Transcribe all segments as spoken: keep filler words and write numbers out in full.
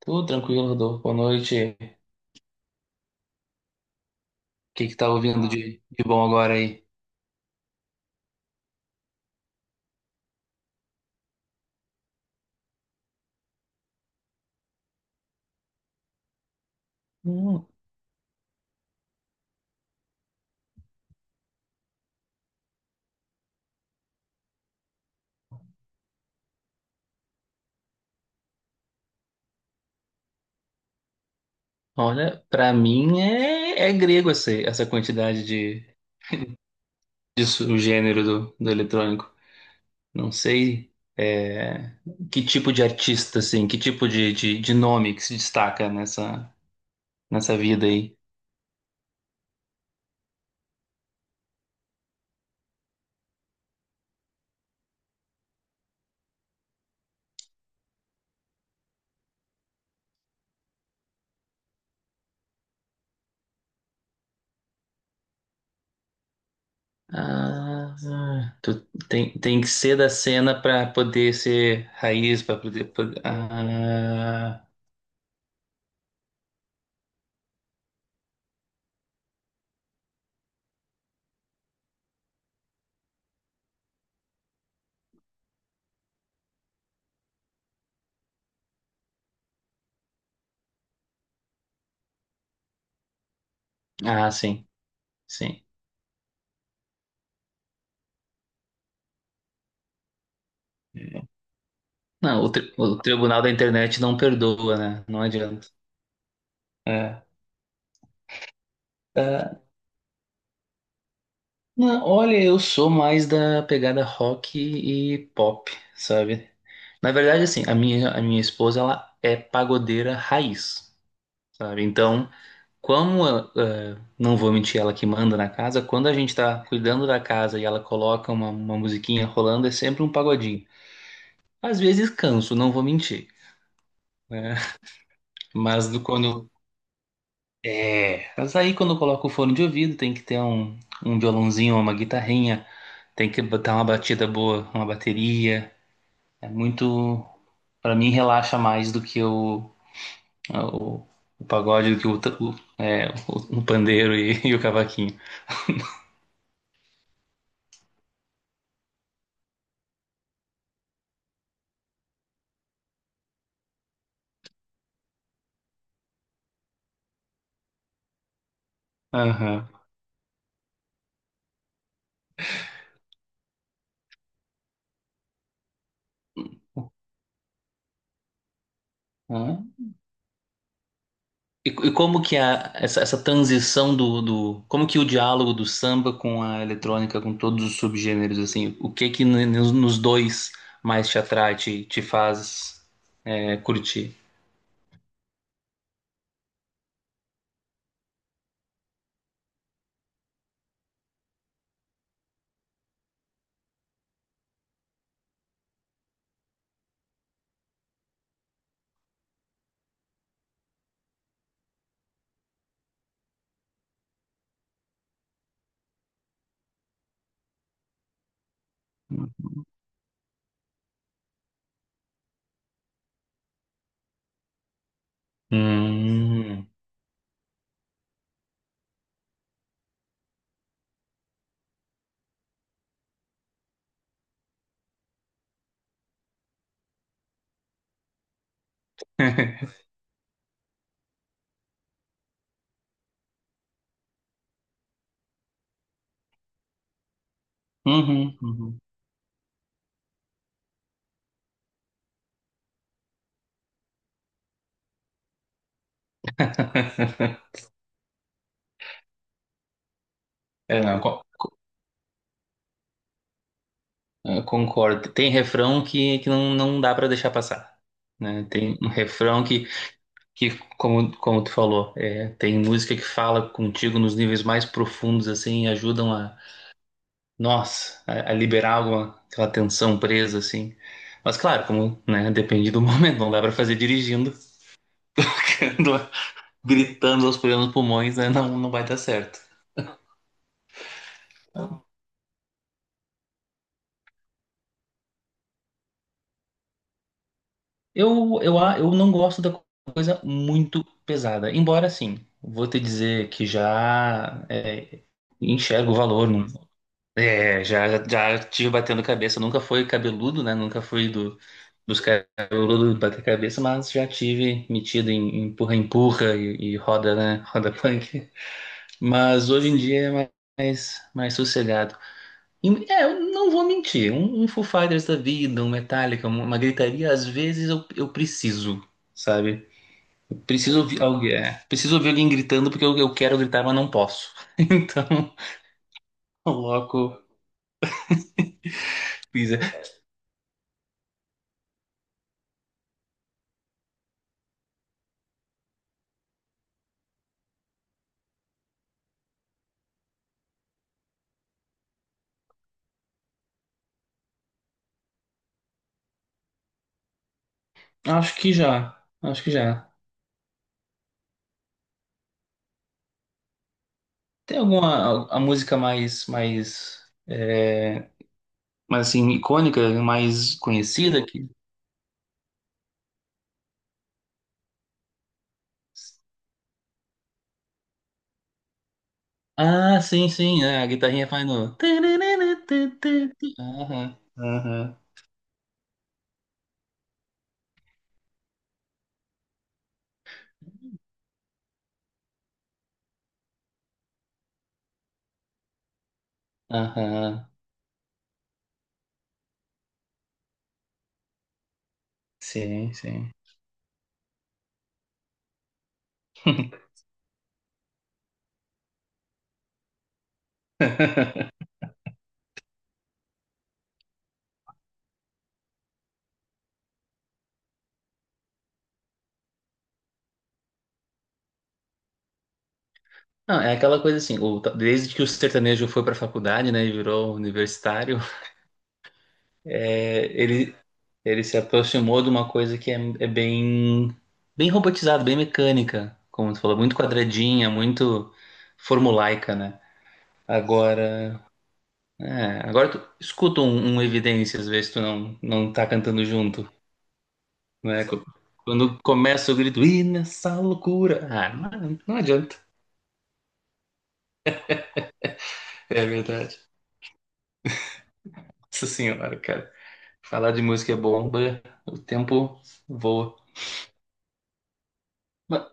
Tudo tranquilo, Rodolfo. Boa noite. O que que tá ouvindo de, de bom agora aí? Hum, olha, pra mim é, é grego essa, essa quantidade de, de su- o gênero do, do eletrônico. Não sei é, que tipo de artista, assim, que tipo de, de, de nome que se destaca nessa, nessa vida aí. Ah, ah, tu tem, tem que ser da cena pra poder ser raiz, pra poder, poder- Ah, ah, sim, sim. Não, o, tri- o tribunal da internet não perdoa, né? Não adianta. É. Ah, não, olha, eu sou mais da pegada rock e pop, sabe? Na verdade, assim, a minha, a minha esposa, ela é pagodeira raiz, sabe? Então, como, eh, não vou mentir, ela que manda na casa, quando a gente tá cuidando da casa e ela coloca uma, uma musiquinha rolando, é sempre um pagodinho. Às vezes canso, não vou mentir, né? Mas do- quando, É, mas aí quando coloca o fone de ouvido, tem que ter um, um violãozinho ou uma guitarrinha, tem que botar uma batida boa, uma bateria. É muito... Pra mim relaxa mais do que o, o, o pagode, do que o, ta- o, é, o, o pandeiro e, e o cavaquinho. Aham. Aham. E, e como que a, essa, essa transição do, do. Como que o diálogo do samba com a eletrônica, com todos os subgêneros, assim, o que que n- nos, nos dois mais te atrai, te, te faz. É, curti. Hum. Uhum, uhum. É, não, co- co- eh, concordo. Tem refrão que, que não, não dá para deixar passar, né? Tem um refrão que, que como, como tu falou, é, tem música que fala contigo nos níveis mais profundos, assim, e ajudam a, nossa, a, a liberar alguma, aquela tensão presa, assim. Mas claro, como, né, depende do momento, não dá para fazer dirigindo, gritando aos plenos pulmões, né? Não, não vai dar certo. Eu, eu, a- eu não gosto da coisa muito pesada. Embora, assim, vou te dizer que já é, enxergo o valor. Não, é, já, já tive batendo cabeça. Nunca fui cabeludo, né? Nunca fui do, dos cabeludos bater cabeça, mas já tive metido em empurra-empurra e, e roda, né? Roda punk. Mas hoje em dia é mais, mais sossegado. E- É, eu não vou mentir. Um, um Foo Fighters da vida, um Metallica, uma, uma gritaria, às vezes eu, eu preciso, sabe? Eu preciso ouvir alguém, é, preciso ouvir alguém gritando porque eu, eu quero gritar, mas não posso. Então, coloco. Weezer. Acho que já. Acho que já. Tem alguma a, a música mais, mais, é, mais assim, icônica, mais conhecida aqui? Ah, sim, sim, é, a guitarrinha faz no. Aham, aham, aham. Sim, sim. Não, é aquela coisa assim, o- desde que o sertanejo foi para a faculdade, né, e virou universitário, é, ele, ele se aproximou de uma coisa que é, é bem, bem robotizada, bem mecânica, como tu falou, muito quadradinha, muito formulaica, né? Agora, é, agora tu escuta um, um Evidência, às vezes tu não, não tá cantando junto, né? Co- Quando começa o grito, e nessa loucura, ah, não, não adianta. É verdade. Nossa senhora, cara. Falar de música é bom, bê, o tempo voa. Mas,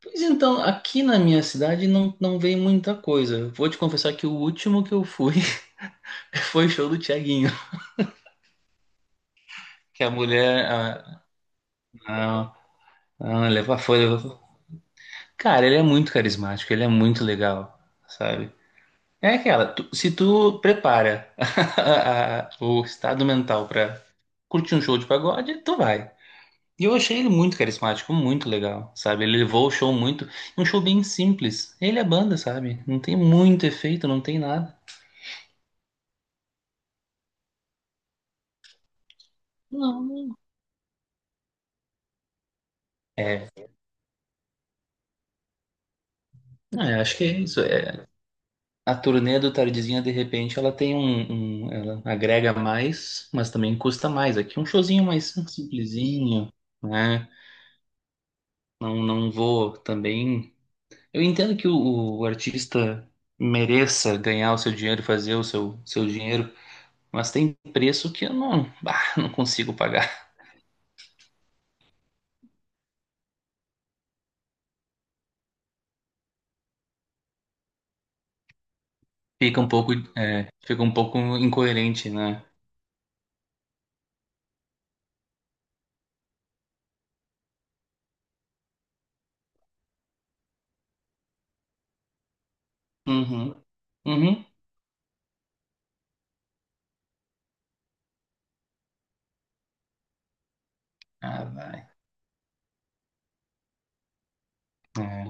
pois então, aqui na minha cidade não, não vem muita coisa. Vou te confessar que o último que eu fui foi o show do Thiaguinho. Que a mulher, ah, não, não, leva foi, leva- foi. Cara, ele é muito carismático, ele é muito legal, sabe? É aquela, tu- se tu prepara a- a- o estado mental pra curtir um show de pagode, tu vai. E eu achei ele muito carismático, muito legal, sabe? Ele levou o show muito... Um show bem simples. Ele é banda, sabe? Não tem muito efeito, não tem nada. Não. É, não, eu acho que é isso. É, a turnê do Tardezinha, de repente, ela tem um, um- ela agrega mais, mas também custa mais. Aqui um showzinho mais simplesinho, né? Não, não vou também. Eu entendo que o, o artista mereça ganhar o seu dinheiro, fazer o seu, seu dinheiro, mas tem preço que eu não, bah, não consigo pagar. Fica um pouco, é, fica um pouco incoerente, né? Uhum. Uhum. Ah, vai. É.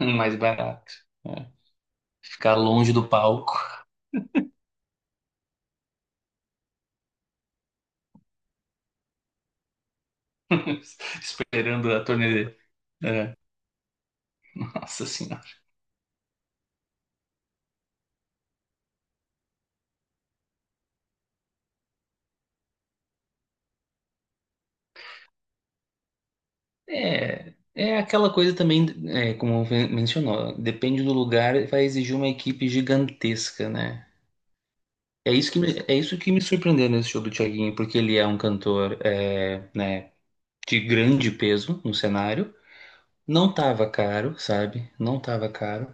Mais barato. É. Ficar longe do palco, esperando a torneira. É. Nossa senhora. É, é aquela coisa também, é, como men- mencionou, depende do lugar, vai exigir uma equipe gigantesca, né? É isso que me, é isso que me surpreendeu nesse show do Thiaguinho, porque ele é um cantor, é, né, de grande peso no cenário. Não tava caro, sabe? Não tava caro.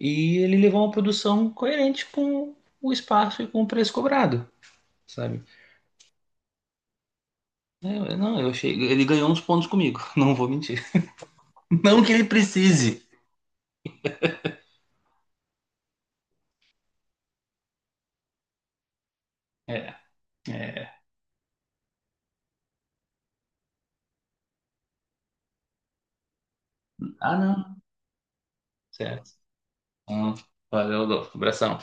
E ele levou uma produção coerente com o espaço e com o preço cobrado, sabe? É, Eu- não, eu achei. Ele ganhou uns pontos comigo, não vou mentir. Não que ele precise. É, é. Ah, não. Certo. Então, valeu, Adolfo. Abração.